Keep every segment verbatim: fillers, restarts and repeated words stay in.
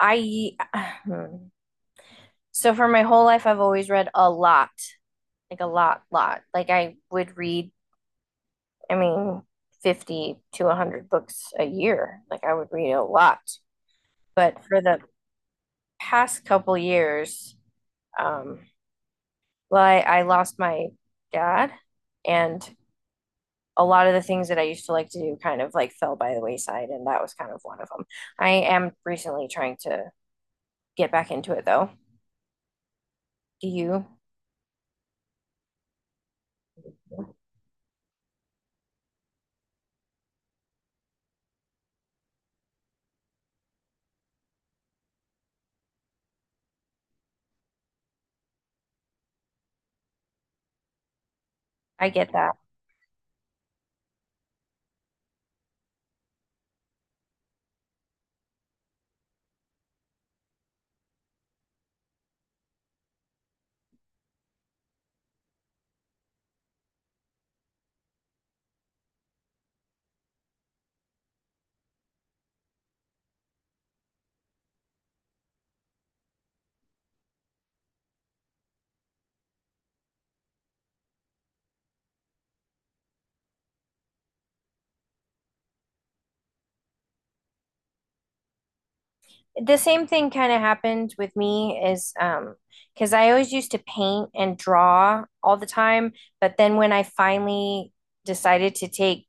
I hmm. So for my whole life I've always read a lot, like a lot, lot. Like I would read, I mean, fifty to a hundred books a year. Like I would read a lot. But for the past couple years, um, well, I, I lost my dad, and a lot of the things that I used to like to do kind of like fell by the wayside, and that was kind of one of them. I am recently trying to get back into it though. Do you? I get that. the same thing kind of happened with me is um because I always used to paint and draw all the time, but then when I finally decided to take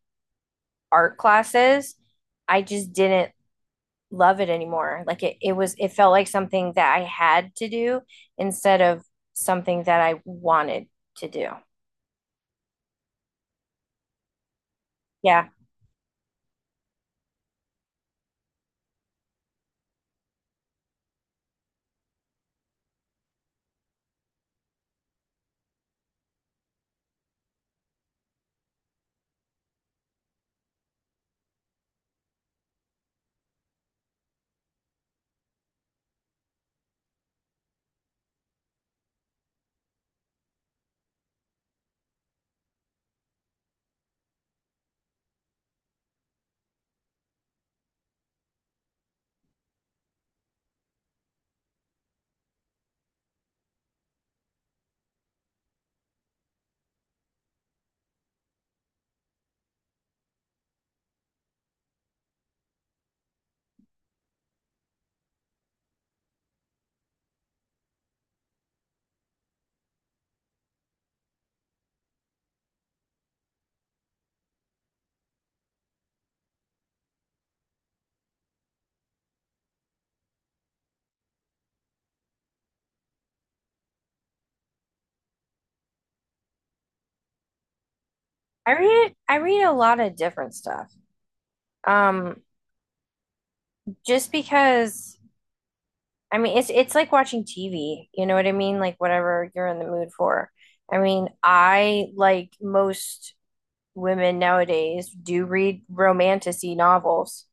art classes, I just didn't love it anymore. Like it, it was it felt like something that I had to do instead of something that I wanted to do. Yeah. I read I read a lot of different stuff. Um just because I mean, it's it's like watching T V, you know what I mean? Like whatever you're in the mood for. I mean, I like most women nowadays do read romantic-y novels.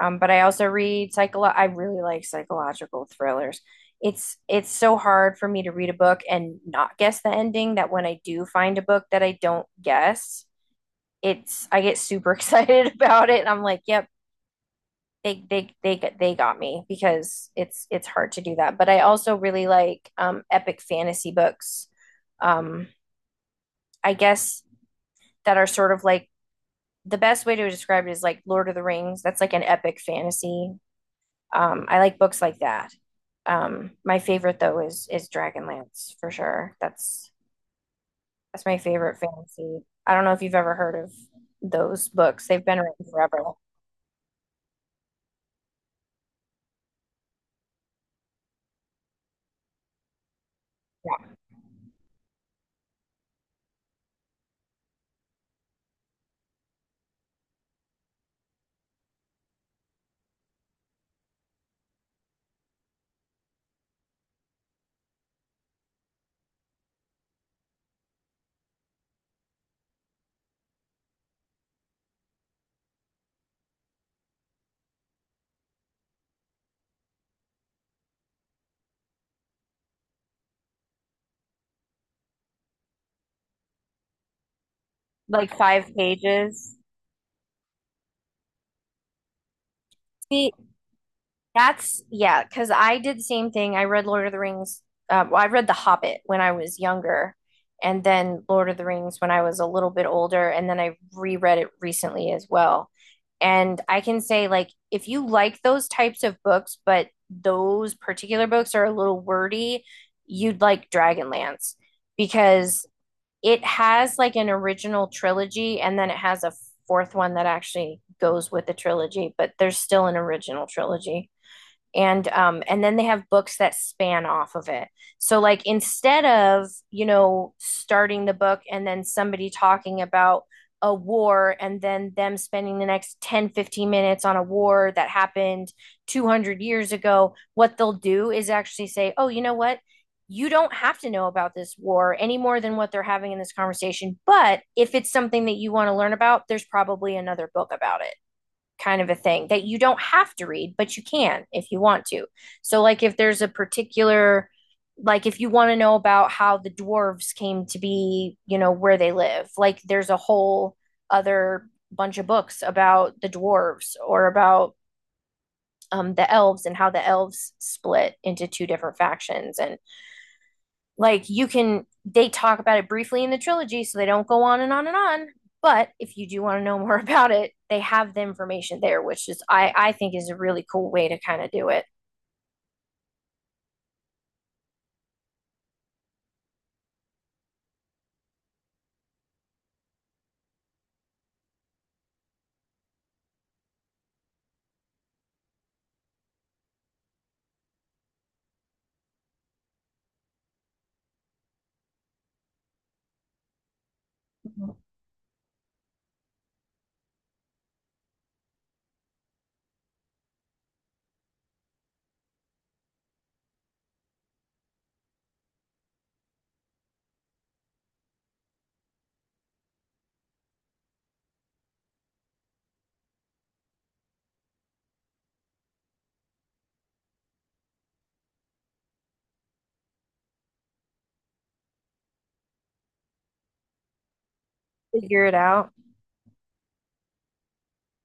Um, but I also read psycholo I really like psychological thrillers. It's it's so hard for me to read a book and not guess the ending that when I do find a book that I don't guess, it's I get super excited about it, and I'm like, yep, they they they they got me because it's it's hard to do that. But I also really like um, epic fantasy books. Um, I guess that are sort of like the best way to describe it is like Lord of the Rings. That's like an epic fantasy. Um, I like books like that. Um, my favorite though is is Dragonlance for sure. That's that's my favorite fantasy. I don't know if you've ever heard of those books. They've been around forever. Yeah. Like five pages. See, that's, yeah, because I did the same thing. I read Lord of the Rings. Uh, well, I read The Hobbit when I was younger, and then Lord of the Rings when I was a little bit older, and then I reread it recently as well. And I can say, like, if you like those types of books, but those particular books are a little wordy, you'd like Dragonlance because it has like an original trilogy, and then it has a fourth one that actually goes with the trilogy, but there's still an original trilogy, and um and then they have books that span off of it. So, like, instead of you know starting the book and then somebody talking about a war, and then them spending the next ten, fifteen minutes on a war that happened two hundred years ago, what they'll do is actually say, oh, you know what, you don't have to know about this war any more than what they're having in this conversation, but if it's something that you want to learn about, there's probably another book about it. Kind of a thing that you don't have to read, but you can if you want to. So, like, if there's a particular, like, if you want to know about how the dwarves came to be, you know, where they live, like, there's a whole other bunch of books about the dwarves, or about um, the elves and how the elves split into two different factions. And like you can they talk about it briefly in the trilogy, so they don't go on and on and on. But if you do want to know more about it, they have the information there, which is i i think is a really cool way to kind of do it. Mhm. Figure it out.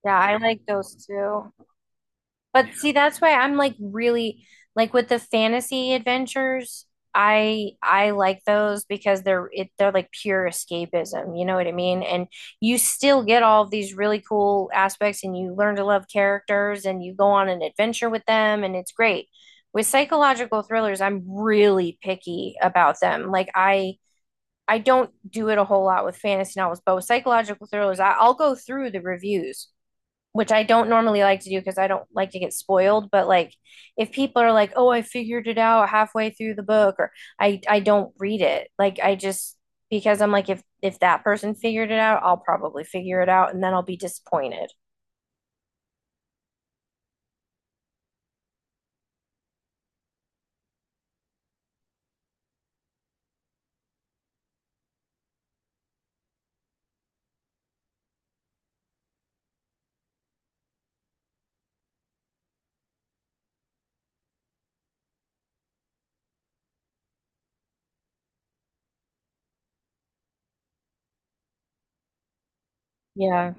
Yeah, I like those too. But yeah. See, that's why I'm like really like with the fantasy adventures, I I like those because they're it they're like pure escapism, you know what I mean? And you still get all of these really cool aspects, and you learn to love characters and you go on an adventure with them, and it's great. With psychological thrillers, I'm really picky about them. Like I I don't do it a whole lot with fantasy novels, but with psychological thrillers, I, I'll go through the reviews, which I don't normally like to do because I don't like to get spoiled, but like if people are like, "Oh, I figured it out halfway through the book," or I I don't read it. Like I just because I'm like if if that person figured it out, I'll probably figure it out and then I'll be disappointed. Yeah.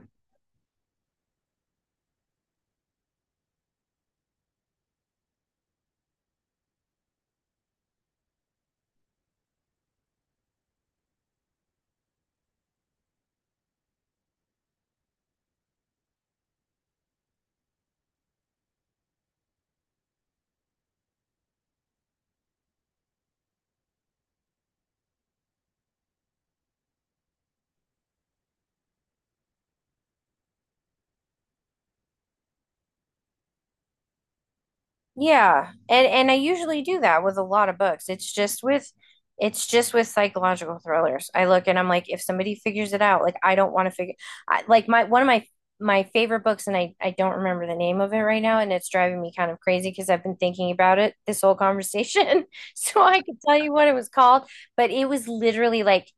Yeah, and and I usually do that with a lot of books. It's just with it's just with psychological thrillers. I look and I'm like, if somebody figures it out, like I don't want to figure I, like my one of my my favorite books, and I I don't remember the name of it right now, and it's driving me kind of crazy because I've been thinking about it this whole conversation so I could tell you what it was called, but it was literally like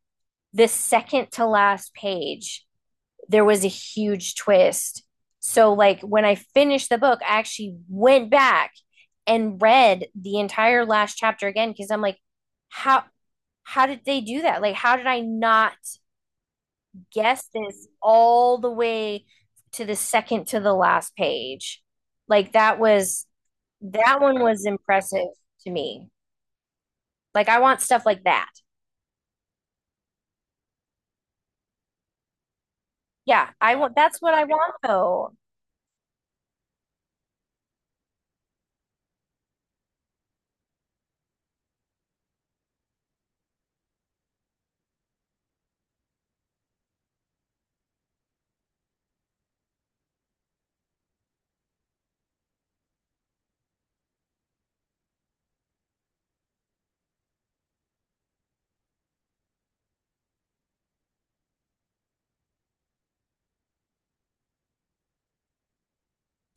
the second to last page there was a huge twist. So, like, when I finished the book, I actually went back and read the entire last chapter again because I'm like, how how did they do that? Like, how did I not guess this all the way to the second to the last page? Like, that was that one was impressive to me. Like, I want stuff like that. Yeah, I want that's what I want though.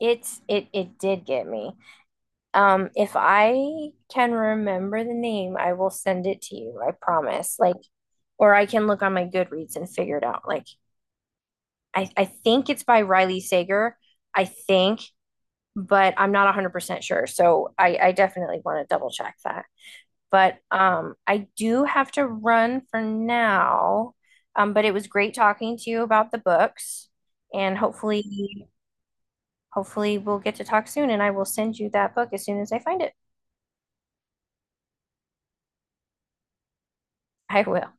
It's it it did get me. Um, if I can remember the name, I will send it to you. I promise. Like, or I can look on my Goodreads and figure it out. Like, I, I think it's by Riley Sager. I think, but I'm not a hundred percent sure. So I, I definitely want to double check that. But um, I do have to run for now. Um, but it was great talking to you about the books, and hopefully, hopefully we'll get to talk soon. And I will send you that book as soon as I find it. I will.